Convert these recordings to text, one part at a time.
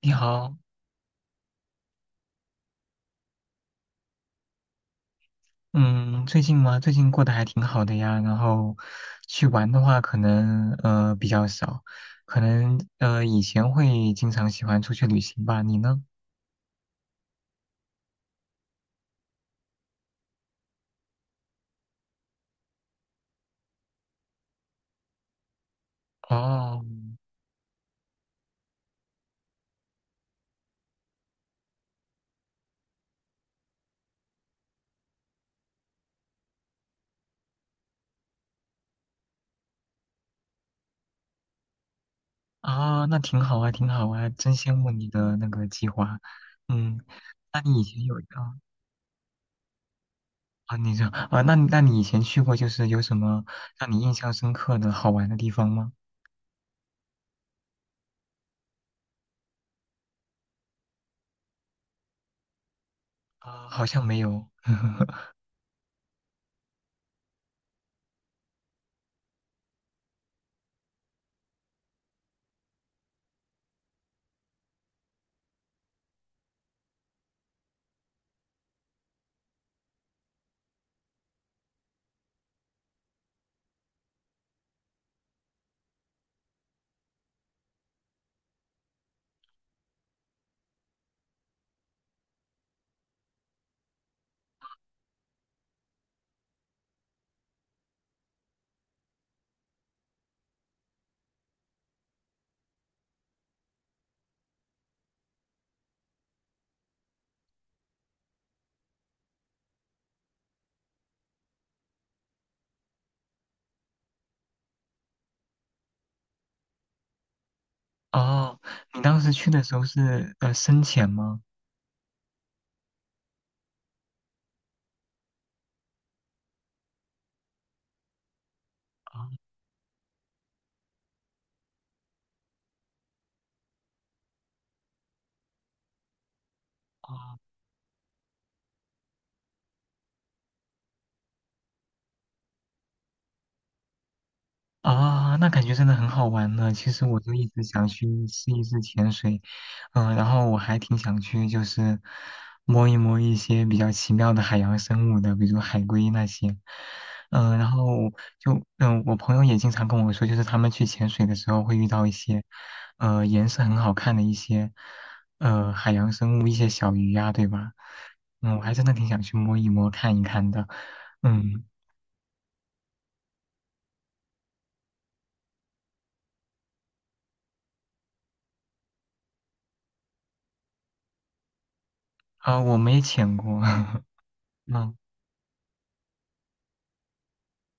你好，嗯，最近吗？最近过得还挺好的呀。然后去玩的话，可能比较少，可能以前会经常喜欢出去旅行吧。你呢？哦，啊，那挺好啊，挺好啊，真羡慕你的那个计划。嗯，那你以前有啊啊，你这啊，那你以前去过就是有什么让你印象深刻的好玩的地方吗？啊，好像没有。哦，你当时去的时候是深潜吗？啊，那感觉真的很好玩呢。其实我就一直想去试一试潜水，然后我还挺想去就是摸一摸一些比较奇妙的海洋生物的，比如海龟那些。然后就我朋友也经常跟我说，就是他们去潜水的时候会遇到一些，颜色很好看的一些，海洋生物，一些小鱼呀、对吧？嗯，我还真的挺想去摸一摸、看一看的。嗯，啊、我没潜过。嗯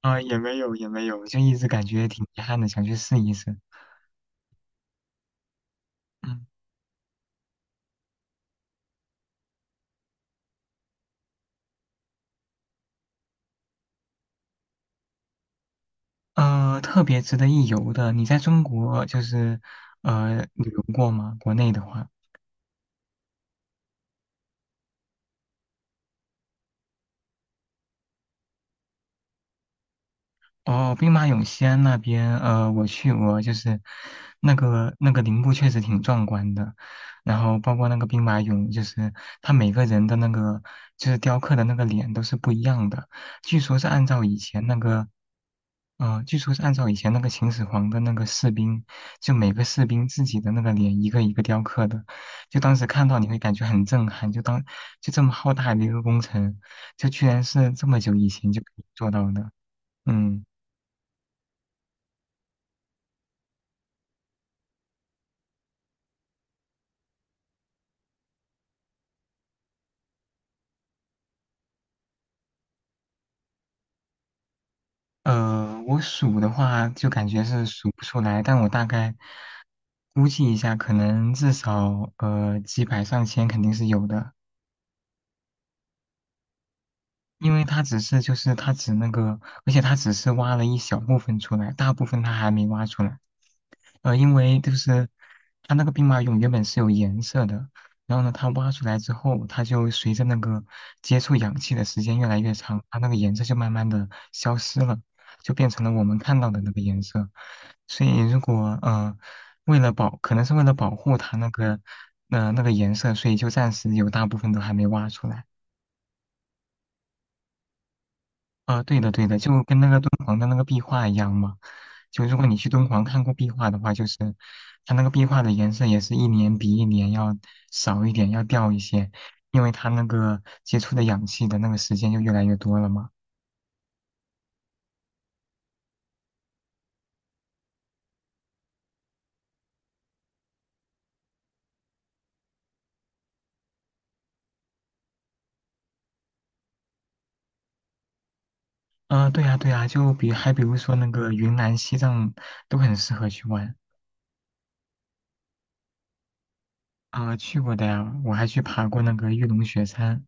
啊、也没有也没有，就一直感觉挺遗憾的，想去试一试。嗯，特别值得一游的，你在中国就是旅游过吗？国内的话，哦，兵马俑西安那边，我去过，就是那个陵墓确实挺壮观的，然后包括那个兵马俑，就是他每个人的那个就是雕刻的那个脸都是不一样的，据说是按照以前那个，据说是按照以前那个秦始皇的那个士兵，就每个士兵自己的那个脸一个一个雕刻的，就当时看到你会感觉很震撼，就这么浩大的一个工程，就居然是这么久以前就可以做到的，嗯。我数的话就感觉是数不出来，但我大概估计一下，可能至少几百上千肯定是有的。因为他只是就是他只那个，而且他只是挖了一小部分出来，大部分他还没挖出来。因为就是它那个兵马俑原本是有颜色的，然后呢，它挖出来之后，它就随着那个接触氧气的时间越来越长，它那个颜色就慢慢的消失了，就变成了我们看到的那个颜色。所以如果为了保，可能是为了保护它那个那个颜色，所以就暂时有大部分都还没挖出来。啊，对的对的，就跟那个敦煌的那个壁画一样嘛。就如果你去敦煌看过壁画的话，就是它那个壁画的颜色也是一年比一年要少一点，要掉一些，因为它那个接触的氧气的那个时间就越来越多了嘛。啊，对呀对呀，就还比如说那个云南、西藏都很适合去玩啊，去过的呀，我还去爬过那个玉龙雪山。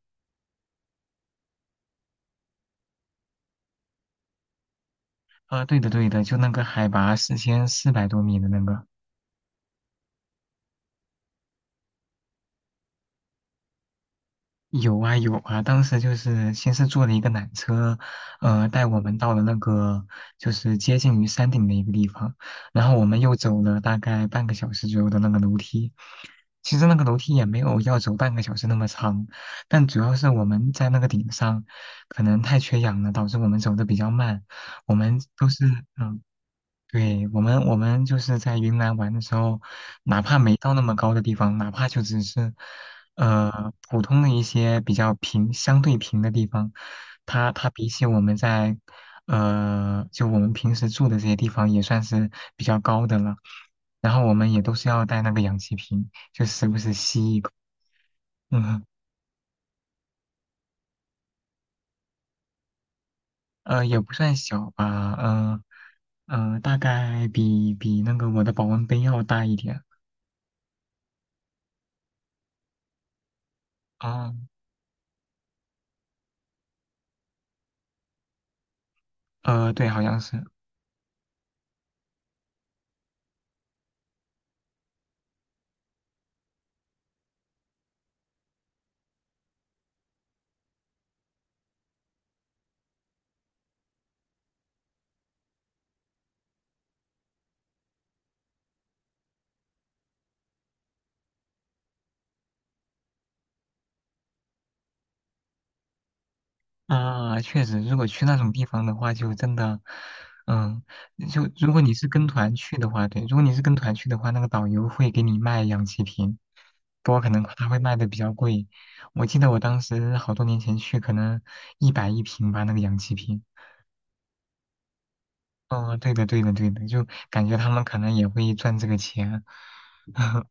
啊，对的对的，就那个海拔4400多米的那个。有啊有啊，当时就是先是坐了一个缆车，带我们到了那个就是接近于山顶的一个地方，然后我们又走了大概半个小时左右的那个楼梯。其实那个楼梯也没有要走半个小时那么长，但主要是我们在那个顶上可能太缺氧了，导致我们走的比较慢。我们都是嗯、对，我们就是在云南玩的时候，哪怕没到那么高的地方，哪怕就只是，普通的一些比较平、相对平的地方，它比起我们在，就我们平时住的这些地方也算是比较高的了。然后我们也都是要带那个氧气瓶，就时不时吸一口。嗯，也不算小吧，大概比那个我的保温杯要大一点。哦，对，好像是。啊，确实，如果去那种地方的话，就真的，嗯，就如果你是跟团去的话，对，如果你是跟团去的话，那个导游会给你卖氧气瓶，不过可能他会卖的比较贵。我记得我当时好多年前去，可能100一瓶吧，那个氧气瓶。哦，对的，对的，对的，就感觉他们可能也会赚这个钱。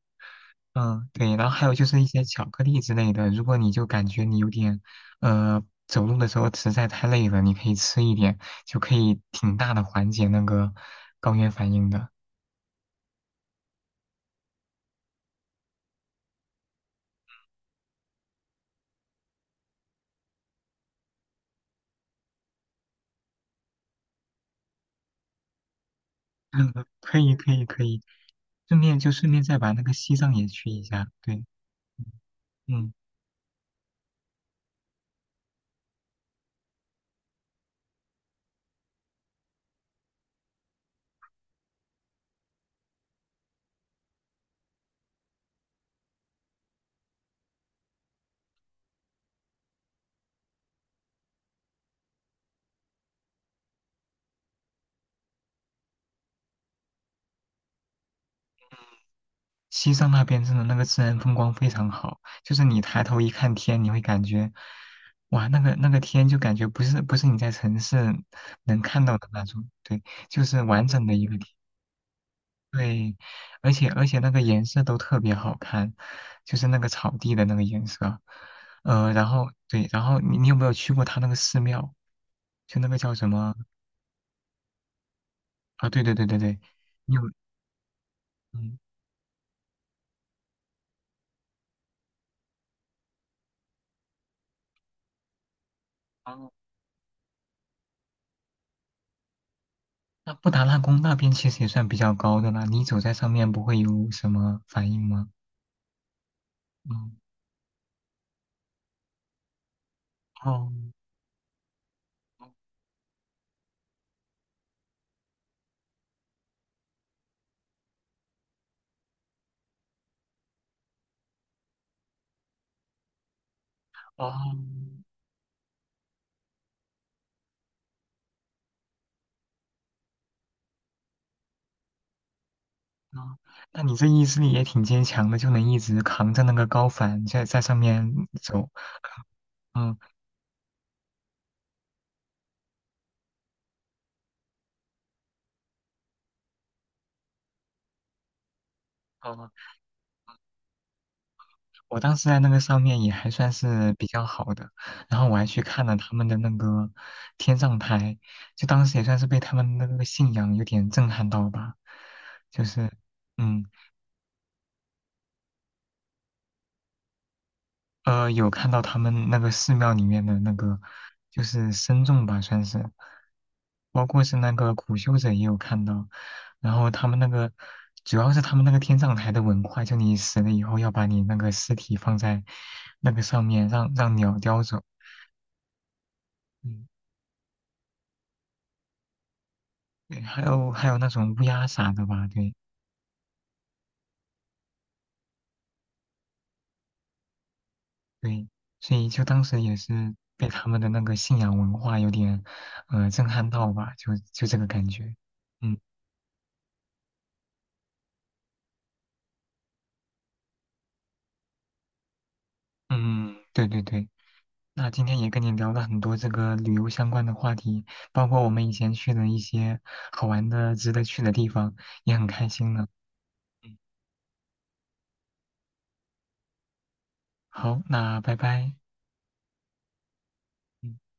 嗯，对，然后还有就是一些巧克力之类的，如果你就感觉你有点，走路的时候实在太累了，你可以吃一点，就可以挺大的缓解那个高原反应的。嗯可以，可以，可以，顺便就顺便再把那个西藏也去一下。对，嗯，西藏那边真的那个自然风光非常好，就是你抬头一看天，你会感觉，哇，那个天就感觉不是你在城市能看到的那种，对，就是完整的一个天。对，而且那个颜色都特别好看，就是那个草地的那个颜色。然后对，然后你有没有去过他那个寺庙？就那个叫什么啊？对对对对对，你有嗯哦，那布达拉宫那边其实也算比较高的啦，你走在上面不会有什么反应吗？嗯哦哦哦，那你这意志力也挺坚强的，就能一直扛着那个高反在上面走。嗯。哦，我当时在那个上面也还算是比较好的，然后我还去看了他们的那个天葬台，就当时也算是被他们的那个信仰有点震撼到吧，就是嗯有看到他们那个寺庙里面的那个就是僧众吧，算是，包括是那个苦修者也有看到，然后他们那个主要是他们那个天葬台的文化，就你死了以后要把你那个尸体放在那个上面，让鸟叼走。嗯对，还有那种乌鸦啥的吧，对对，所以就当时也是被他们的那个信仰文化有点，震撼到吧，就这个感觉。嗯嗯，对对对。那今天也跟你聊了很多这个旅游相关的话题，包括我们以前去的一些好玩的、值得去的地方，也很开心呢。嗯，好，那拜拜。嗯。